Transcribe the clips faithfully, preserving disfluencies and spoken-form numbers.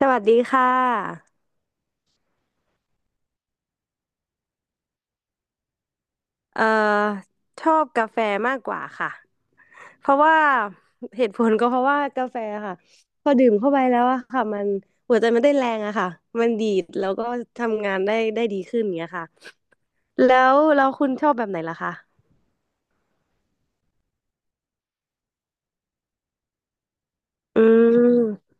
สวัสดีค่ะเอ่อชอบกาแฟมากกว่าค่ะ เพราะว่าเหตุผลก็เพราะว่ากาแฟค่ะ พอดื่มเข้าไปแล้วอะค่ะ มันหัวใจมันได้แรงอะค่ะ มันดีดแล้วก็ทำงานได้ได้ดีขึ้นอย่างเงี้ยค่ะแล้วแล้วคุณชอบแบบไหนล่ะคะอืม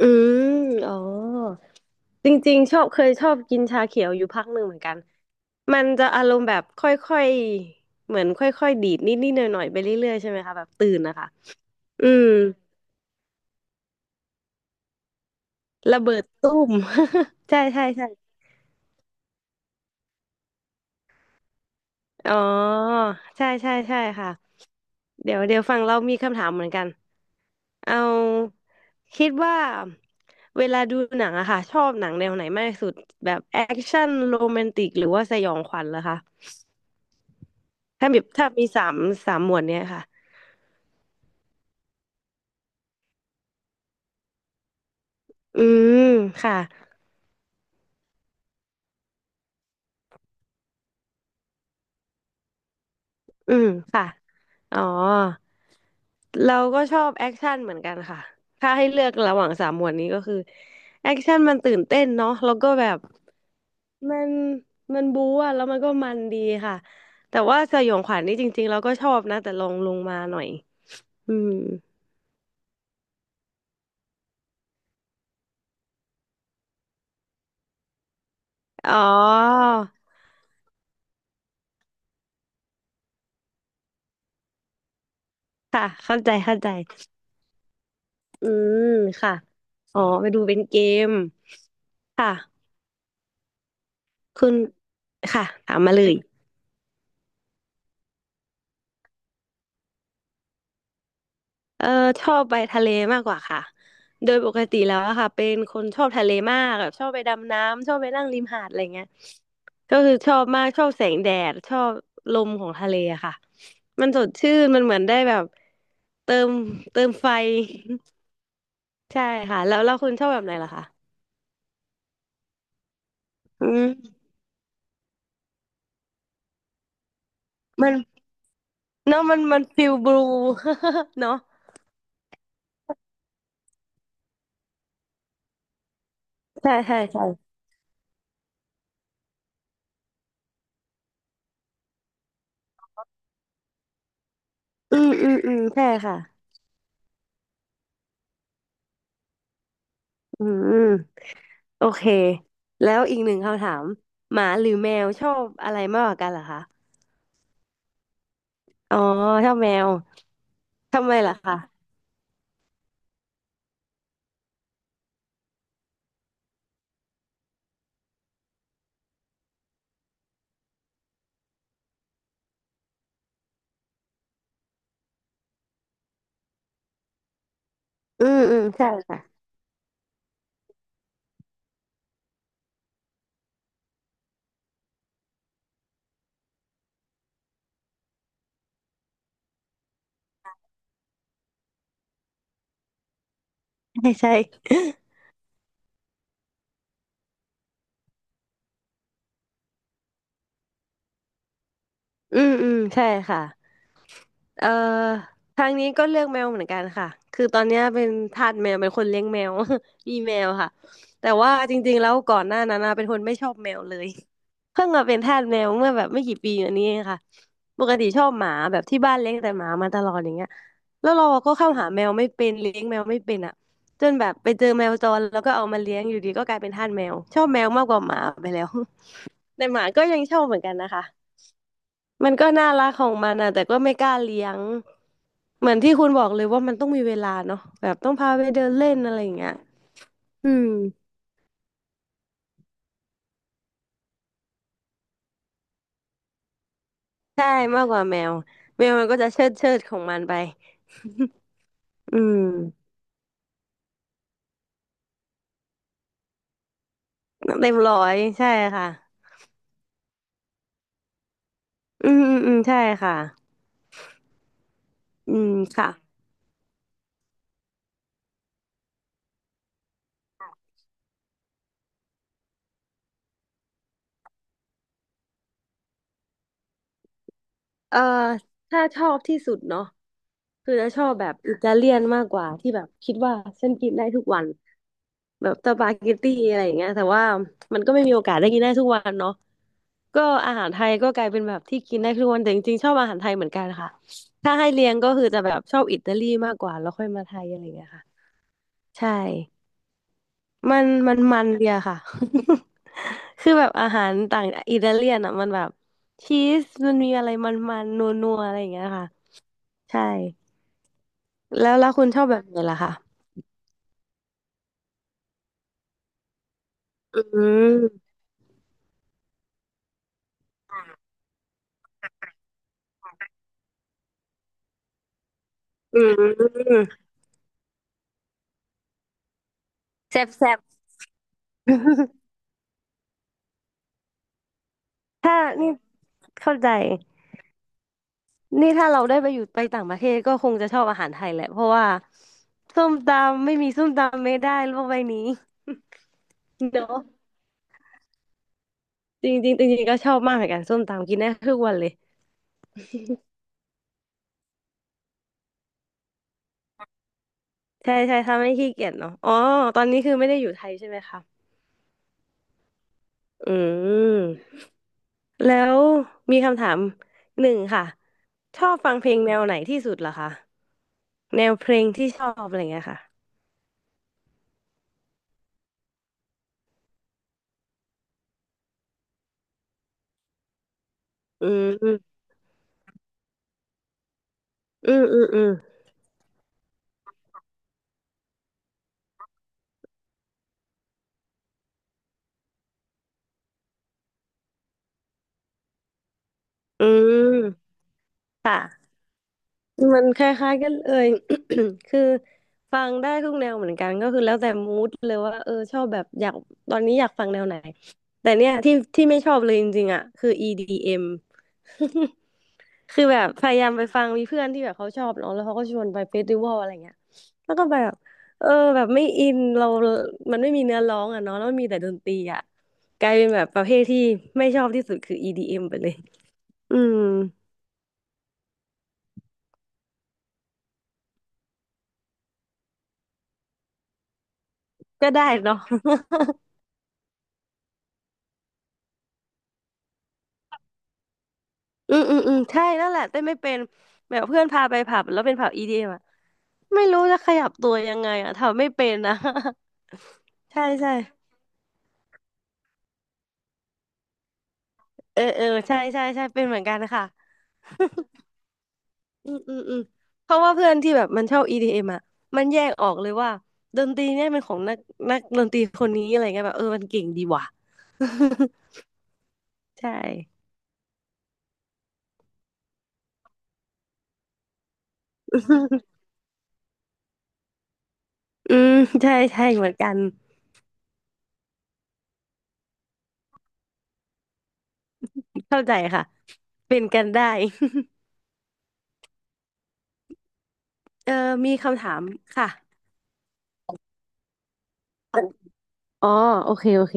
อืมอ๋อจริงๆชอบเคยชอบกินชาเขียวอยู่พักหนึ่งเหมือนกัน มันจะอารมณ์แบบค่อยๆ เหมือนค่อยๆดีดนิดๆหน่อยๆไปเรื่อยๆใช่ไหมคะแบบตื่นนะคะอืม ระเบิดตุ้ม ใช่ใช่ใช่อ๋อใช่ใช่ใช่ค่ะเดี๋ยวเดี๋ยวฝั่งเรามีคำถามเหมือนกันเอาคิดว่าเวลาดูหนังอะค่ะชอบหนังแนวไหนมากที่สุดแบบแอคชั่นโรแมนติกหรือว่าสยองขวัญเหรอคะถ้ามีถ้ามีสามสามหมวดเนี้ยค่ะอืมค่ะ อืมค่ะ อ๋อ เราก็ชอบแอคชั่นเหมือนกันค่ะ ถ้าให้เลือกระหว่างสามหมวดนี้ก็คือแอคชั่นมันตื่นเต้นเนาะแล้วก็แบบมันมันบู๊อะแล้วมันก็มันดีค่ะ แต่ว่าสยองขวัญนี่จริงๆเราก็ชอบนะ แต่ลงลงมาหน่อยอืมอ๋อ ค่ะเข้าใจเข้าใจ อืม ค่ะ อ๋อไปดูเป็นเกมค่ะ คุณ ค่ะถามมาเลย เออชอบไปทะเลมากกว่าค่ะโดยปกติแล้วอะค่ะเป็นคนชอบทะเลมากแบบชอบไปดำน้ำชอบไปนั่งริมหาดอะไรเงี้ยก็คือชอบมากชอบแสงแดดชอบลมของทะเลอะค่ะมันสดชื่นมันเหมือนได้แบบเติมเติมไฟ ใช่ค่ะแล้วแล้วคุณชอบแบบไหนล่ะคะอืมมันเนาะมันมันฟิลบลู เนาะใช่ใช่ใช่อืมอืมอืมใช่ค่ะอืม โอเค แล้วอีกหนึ่งคำถามหมาหรือแมวชอบอะไรมากกว่ากันเหรอคะ อ๋อชอบแมวทำไมล่ะคะ อืมอืมใช่ค่ะ ใช่ใช่ อืมอืมใช่ค่ะ เอ่อทางนี้ก็เลือกแมวเหมือนกันค่ะคือตอนเนี้ยเป็นทาสแมวเป็นคนเลี้ยงแมว มีแมวค่ะแต่ว่าจริงๆแล้วก่อนหน้านั้นนะเป็นคนไม่ชอบแมวเลย เพิ่งมาเป็นทาสแมวเมื่อแบบไม่กี่ปีมานี้เองค่ะปกติชอบหมาแบบที่บ้านเลี้ยงแต่หมามาตลอดอย่างเงี้ยแล้วเราก็เข้าหาแมวไม่เป็นเลี้ยงแมวไม่เป็นอ่ะจนแบบไปเจอแมวจรแล้วก็เอามาเลี้ยงอยู่ดีก็กลายเป็นทาสแมวชอบแมวมากกว่าหมาไปแล้ว แต่หมาก็ยังชอบเหมือนกันนะคะ มันก็น่ารักของมันอะแต่ก็ไม่กล้าเลี้ยงเหมือนที่คุณบอกเลยว่ามันต้องมีเวลาเนาะแบบต้องพาไปเดินเล่นอะไรอย่างเงี้ยอืมใช่มากกว่าแมวแมวมันก็จะเชิดเชิดของมันไป อืมเต็มร้อยใช่ค่ะอืมอืมอืมใช่ค่ะอืมค่ะเอ่อถ้าชอบที่สุดเนาะ คือจะชอบแบบอิตาเลียนมากกว่าที่แบบคิดว่าฉันกินได้ทุกวันแบบสปาเกตตี้อะไรอย่างเงี้ยแต่ว่ามันก็ไม่มีโอกาสได้กินได้ทุกวันเนาะก็อาหารไทยก็กลายเป็นแบบที่กินได้ทุกวันแต่จริงๆชอบอาหารไทยเหมือนกันค่ะถ้าให้เรียงก็คือจะแบบชอบอิตาลีมากกว่าแล้วค่อยมาไทยอะไรอย่างเงี้ยค่ะใช่มันมันมันเดียค่ะ คือแบบอาหารต่างอิตาเลียนอ่ะมันแบบชีสมันมีอะไรมันๆนนัวนัวๆอะไรอย่างเงี้ยค่ะใช่แล้วแล้วคุณชอบแบบไหนล่ะคะ อืมอืมแซ่บแซ่บ ถ้านี่เข้าใจนี่ถ้าเราได้ไปอยู่ไปต่างประเทศก็คงจะชอบอาหารไทยแหละเพราะว่าส้มตำไม่มีส้มตำไม่ได้โลกใบนี้ เนาะจริงจริงจริงๆก็ชอบมากเหมือนกันส้มตำกินได้ทุกวันเลยใช่ใช่ถ้าไม่ขี้เกียจเนาะอ๋อตอนนี้คือไม่ได้อยู่ไทยใช่ไหมคะอืมแล้วมีคำถามหนึ่งค่ะชอบฟังเพลงแนวไหนที่สุดเหรอคะแนวเพลงที่ชอบอะไรเงี้ยค่ะอืม อืมอืมอืมอืมค่ะมันคล้ายๆกันเลย คือฟังได้ทุกแนวเหมือนกันก็คือแล้วแต่มูดเลยว่าเออชอบแบบอยากตอนนี้อยากฟังแนวไหนแต่เนี่ยที่ที่ไม่ชอบเลยจริงๆอ่ะคือ อี ดี เอ็ม คือแบบพยายามไปฟังมีเพื่อนที่แบบเขาชอบเนาะแล้วเขาก็ชวนไปเฟสติวัลอะไรเงี้ยแล้วก็แบบเออแบบไม่อินเรามันไม่มีเนื้อร้องอ่ะเนาะแล้วมันมีแต่ดนตรีอ่ะกลายเป็นแบบประเภทที่ไม่ชอบที่สุดคือ อี ดี เอ็ม ไปเลยอืม ก็ได้เนาะ อืมอืมอืมใช่นั่นแหละเต้นไม่เป็นแบบเพื่อนพาไปผับแล้วเป็นผับอีดีเอมอะไม่รู้จะขยับตัวยังไงอ่ะทำไม่เป็นนะ ใช่ใช่เออเออใช่ใช่ใช่เป็นเหมือนกันค่ะ อืมอืมอืมเพราะว่าเพื่อนที่แบบมันชอบ อี ดี เอ็ม อมอ่ะมันแยกออกเลยว่าดนตรีเนี่ยเป็นของนักนักดนตรีคนนี้อะไรเงี้ยแบบเออมันเก่งดีว่ะ ใช่ อืมใช่ใช่เหมือนกันเข้าใจค่ะเป็นกันได้ เออมีคำถามค่ะอ๋อโอเคโอเค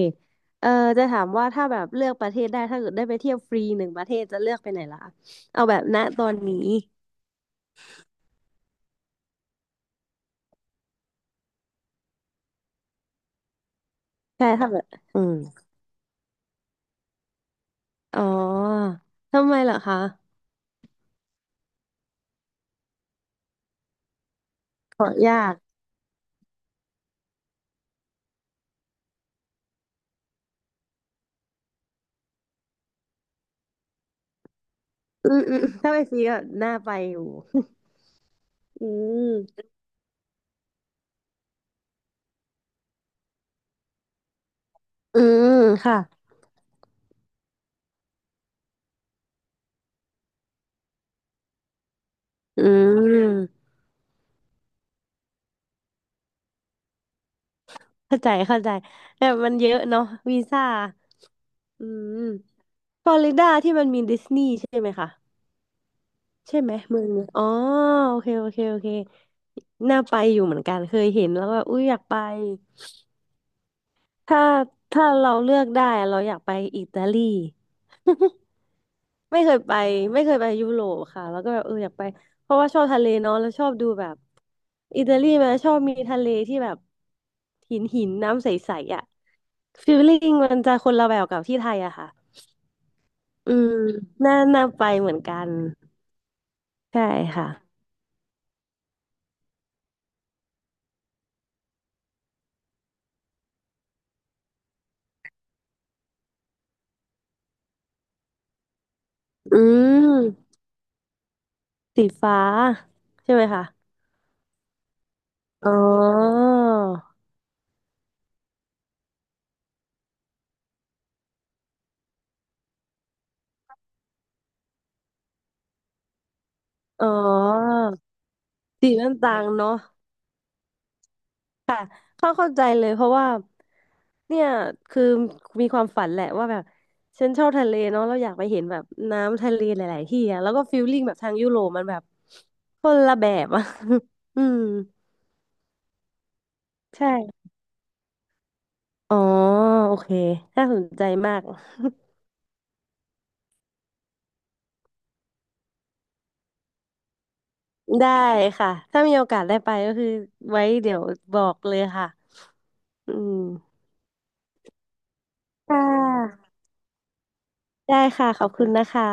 เอ่อจะถามว่าถ้าแบบเลือกประเทศได้ ถ้าเกิดได้ไปเที่ยวฟรีหนึ่งประเทศจะเลือกไปไหนล่ะเอาแบบณตอนนี้ใช่ถ้าแบบอืมอ๋อทำไมเหรอคะ ขอยากอืมอืมถ้าไปฟรีก็น่าไปอยู่ อืมอืมค่ะอืมเข้าใจเข้าใจแต่มันเยอะเนาะวีซ่าอืมฟลอริดาที่มันมีดิสนีย์ใช่ไหมคะ ใช่ไหมเมืองเนยอ๋อโอเคโอเคโอเคน่าไปอยู่เหมือนกันเคยเห็นแล้วก็อุ้ยอยากไปถ้าถ้าเราเลือกได้เราอยากไปอิตาลี ไม่เคยไปไม่เคยไปยุโรปค่ะแล้วก็แบบเอออยากไปเพราะว่าชอบทะเลเนาะแล้วชอบดูแบบอิตาลีมันชอบมีทะเลที่แบบหินหินน้ำใสๆอ่ะฟีลลิ่งมันจะคนละแบบกับที่ไทยอะค่ะอืมน่าน่าไปเหมือนกันใช่ค่ะอืม สีฟ้าใช่ไหมคะ อ๋อ อ๋อสีมันต่างเนาะเข้าเข้าใจเลยเพราะว่า เนี่ย คือมีความฝันแหละว่าแบบ ฉันชอบทะเลเนาะเราอยากไปเห็นแบบน้ำทะเลหลายๆที่อะแล้วก็ฟิลลิ่งแบบทางยุโรปมันแบบคนละแบบอะ อืม ใช่ อ๋อ โอเคน่าสนใจมาก ได้ค่ะ ถ้ามีโอกาสได้ไปก็คือไว้เดี๋ยวบอกเลยค่ะอืมค่ะ ได้ค่ะขอบคุณนะคะ